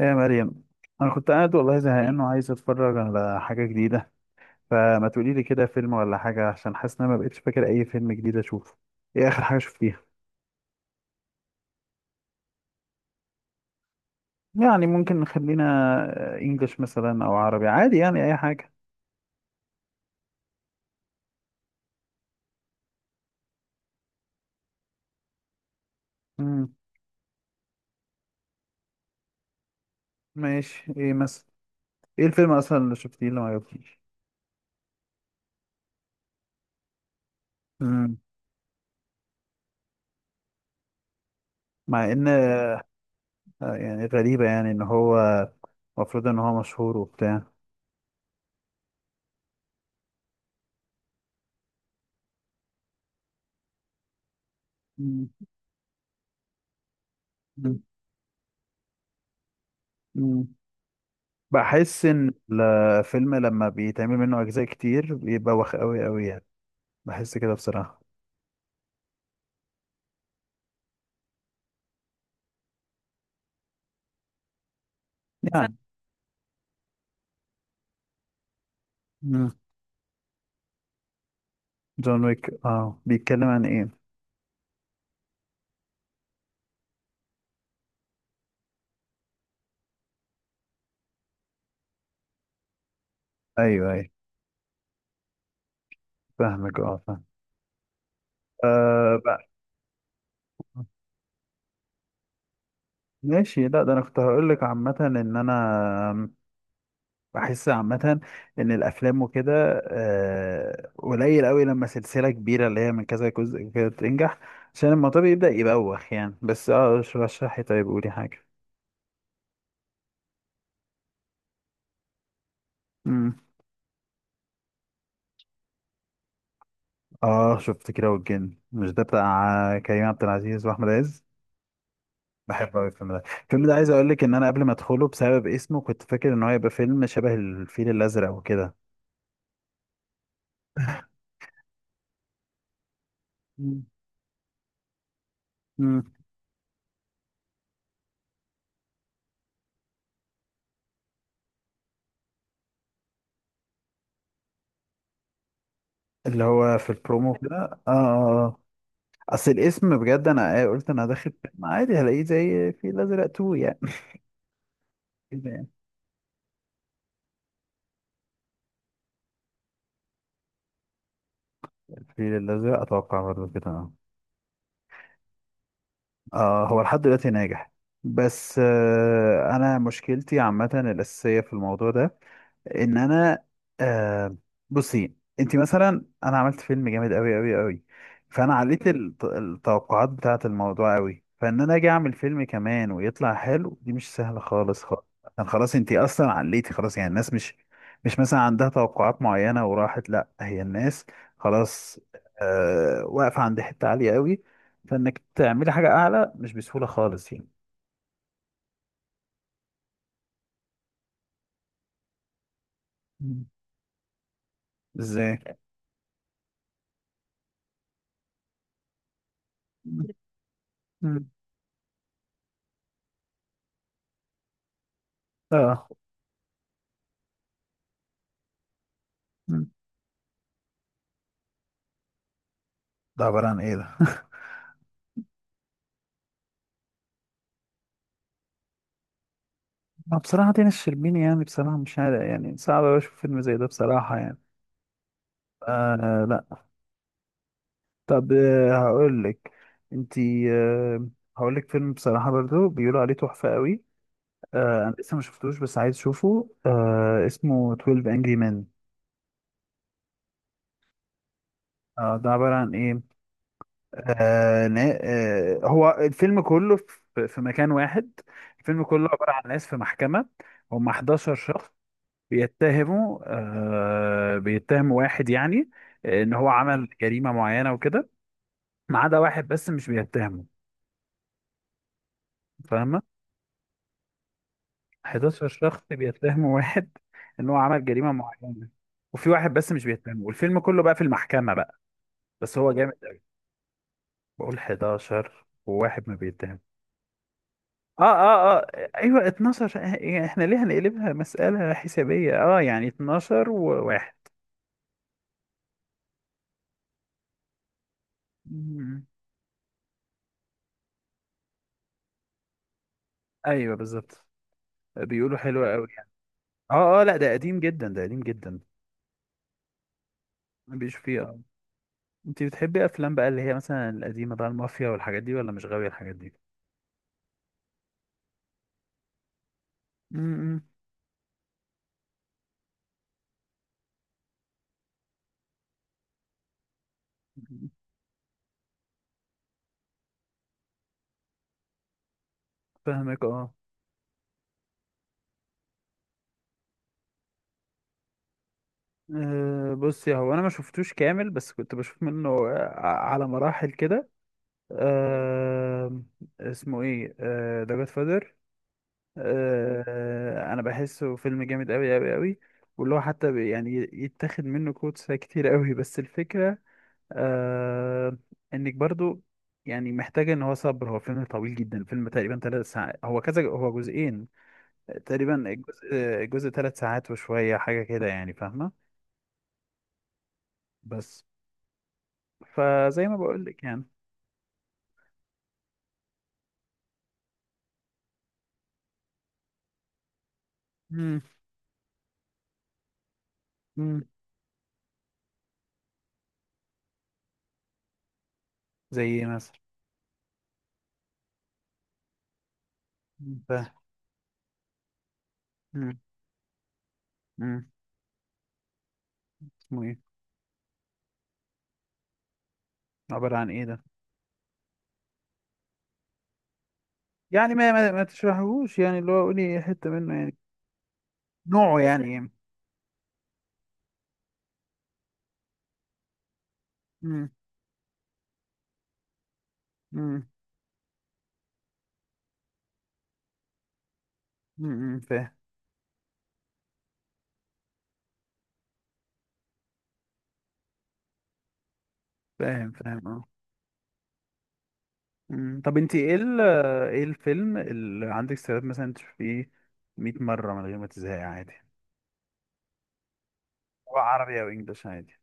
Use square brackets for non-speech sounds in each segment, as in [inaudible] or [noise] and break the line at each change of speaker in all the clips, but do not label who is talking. يا مريم، انا كنت قاعد والله زهقان وعايز اتفرج على حاجه جديده. فما تقولي لي كده فيلم ولا حاجه، عشان حاسس ان انا ما بقتش فاكر اي فيلم جديد اشوفه. ايه اخر حاجه شفتيها؟ يعني ممكن نخلينا انجلش مثلا او عربي، عادي يعني اي حاجه. امم ماشي، ايه مثلا؟ ايه الفيلم اصلا اللي شفتيه اللي ما عجبكيش؟ امم مع ان يعني غريبه، يعني ان هو المفروض ان هو مشهور وبتاع. امم بحس ان الفيلم لما بيتعمل منه اجزاء كتير بيبقى وخ قوي قوي يعني. بحس كده بصراحة. صح يعني. مم. جون ويك، بيتكلم عن ايه؟ ايوه، ايوه، فاهمك، اه فاهم. آه بقى. ماشي. لا ده انا كنت هقول لك عامة ان انا بحس عامة ان الافلام وكده قليل قوي لما سلسلة كبيرة اللي هي من كذا جزء كده تنجح، عشان الموضوع بيبدأ يبوخ يعني. بس رشحي، طيب قولي حاجة. اه، شفت كيرة والجن، مش ده بتاع كريم عبد العزيز واحمد عز؟ بحب قوي الفيلم ده. الفيلم ده، عايز اقول لك ان انا قبل ما ادخله بسبب اسمه كنت فاكر ان هو يبقى فيلم شبه الفيل الازرق وكده. مم. مم. اللي هو في البرومو كده، اه، اه، آه. اصل الاسم بجد، انا قلت انا داخل فيلم عادي هلاقيه زي الفيل الازرق 2 يعني. كده يعني، الفيل الازرق اتوقع برضه كده، اه. هو لحد دلوقتي ناجح. بس انا مشكلتي عامه الاساسيه في الموضوع ده ان انا. آه بصي، انت مثلا، انا عملت فيلم جامد قوي قوي قوي. فانا عليت التوقعات بتاعه الموضوع قوي، فان انا اجي اعمل فيلم كمان ويطلع حلو دي مش سهله خالص خالص. عشان خلاص انت اصلا عليتي خلاص، يعني الناس مش مثلا عندها توقعات معينه وراحت، لا هي الناس خلاص، واقفه عند حته عاليه قوي، فانك تعملي حاجه اعلى مش بسهوله خالص يعني. مم. ازاي؟ مم. مم. اه. مم. ده عباره عن ايه ده؟ ما بصراحة دينا الشربيني يعني، بصراحة مش عارف يعني، صعب أوي أشوف فيلم زي ده بصراحة يعني. لا. طب، هقولك. انتي، هقولك فيلم بصراحة برضو بيقولوا عليه تحفة قوي. أنا لسه ما شفتوش بس عايز أشوفه، اسمه 12 Angry Men. ده عبارة عن إيه؟ هو الفيلم كله في مكان واحد. الفيلم كله عبارة عن ناس في محكمة. هم 11 شخص بيتهموا بيتهم واحد يعني، ان هو عمل جريمة معينة وكده. ما عدا واحد بس مش بيتهمه. فاهمة؟ 11 شخص بيتهموا واحد [laughs] ان هو عمل جريمة معينة. وفي واحد بس مش بيتهمه، والفيلم كله بقى في المحكمة بقى. بس هو جامد قوي. بقول 11 وواحد ما بيتهم. اه، اه، اه. ايوه 12، احنا ليه هنقلبها مسألة حسابية؟ اه يعني 12 وواحد. مم. ايوه بالظبط، بيقولوا حلوة قوي. اه، اه، لا ده قديم جدا، ده قديم جدا. مبيش فيه. آه. انت بتحبي افلام بقى اللي هي مثلا القديمه بقى، المافيا والحاجات دي، ولا مش غاويه الحاجات دي؟ امم فاهمك، اه. بصي، هو انا ما شفتوش كامل بس كنت بشوف منه على مراحل كده. آه، اسمه ايه؟ ذا جاد فادر. انا بحسه فيلم جامد قوي قوي قوي. واللي هو حتى يعني يتاخد منه كوتس كتير قوي، بس الفكره، آه انك برضو يعني محتاجة ان هو صبر. هو فيلم طويل جدا، فيلم تقريبا 3 ساعات. هو كذا، هو جزئين، تقريبا الجزء الجزء 3 ساعات وشوية حاجة كده يعني. فاهمة؟ بس فزي ما بقول لك يعني. مم. مم. زي ايه مثلا؟ مم. ف. مم. مم. اسمه ايه؟ عبارة عن ايه ده؟ يعني ما تشرحهوش يعني، اللي هو قولي حتة منه يعني. نوعه يعني. مم. مم. مم. مم. فاهم، فاهم، فاهم. مم. طب، انت ايه ال-؟ ايه الفيلم اللي عندك استعداد مثلا تشوفيه 100 مرة من غير ما تزهقي عادي؟ سواء عربي او انجلش عادي.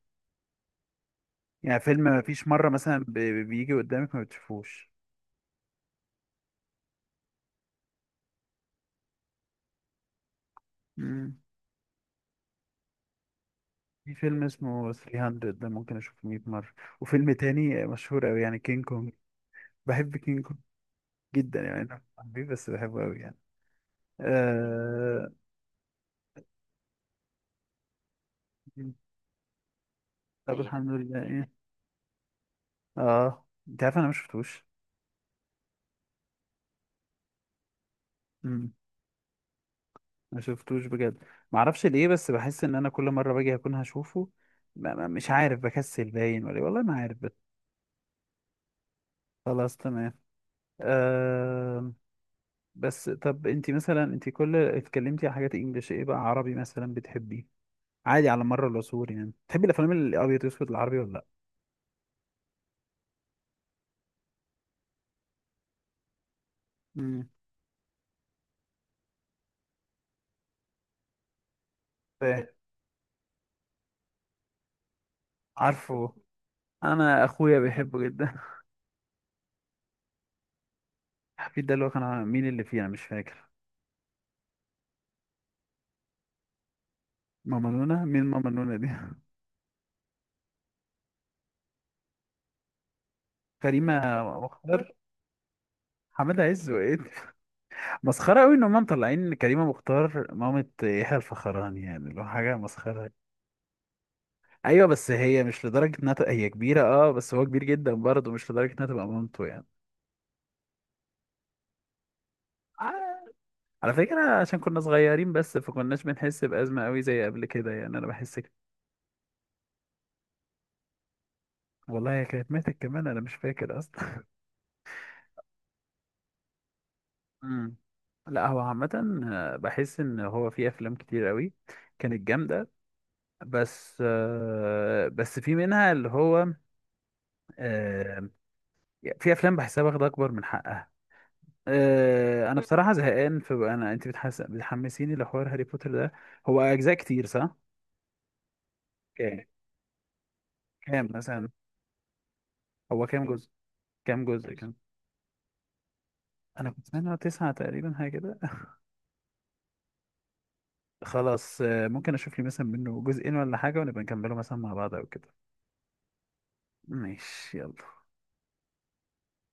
يعني فيلم ما فيش مرة مثلا بيجي قدامك ما بتشوفوش؟ مم. في فيلم اسمه 300، ده ممكن اشوفه 100 مرة. وفيلم تاني مشهور قوي، يعني كينج كونج. بحب كينج كونج جدا يعني، انا حبيبي بس بحبه قوي يعني. مم. طب حلو، الحمد لله. ايه؟ اه، انت عارف انا ما شفتوش. ما شفتوش بجد. ما اعرفش ليه، بس بحس ان انا كل مره باجي اكون هشوفه. مش عارف، بكسل باين ولا والله ما عارف بس. خلاص تمام. أه. بس طب، انت كل اتكلمتي على حاجات انجليش، ايه بقى عربي مثلا بتحبي عادي على مر العصور يعني؟ بتحبي الافلام الابيض واسود العربي ولا لا؟ امم فاهم. عارفه. انا اخويا بيحبه جدا. [laughs] حفيد ده، اللي هو كان مين اللي فيه؟ انا مش فاكر. ماما نونا؟ مين ماما نونا دي؟ [laughs] كريمه مختار. حماده عز وايه؟ مسخرة قوي ان هم مطلعين كريمة مختار مامة يحيى الفخراني، يعني اللي هو حاجة مسخرة. ايوه، بس هي مش لدرجة انها تبقى هي كبيرة، اه بس هو كبير جدا برضه، مش لدرجة انها تبقى مامته يعني. آه، على فكرة، عشان كنا صغيرين بس فكناش بنحس بأزمة قوي زي قبل كده يعني. انا بحس كده. والله هي كانت ماتت كمان؟ انا مش فاكر اصلا. امم. لا هو عامة، بحس ان هو في افلام كتير قوي كانت جامدة، بس بس في منها اللي هو. آه، في افلام بحسها واخده اكبر من حقها. أه انا بصراحه زهقان. في انا، انت بتحمسيني لحوار هاري بوتر ده. هو اجزاء كتير، صح؟ كام كام مثلا؟ هو كام جزء؟ كام جزء؟ كام؟ انا كنت سامع إن هو 9 تقريبا، حاجه كده. [laughs] خلاص، ممكن اشوف لي مثلا منه جزئين ولا حاجه، ونبقى نكمله مثلا مع بعض او كده. ماشي، يلا.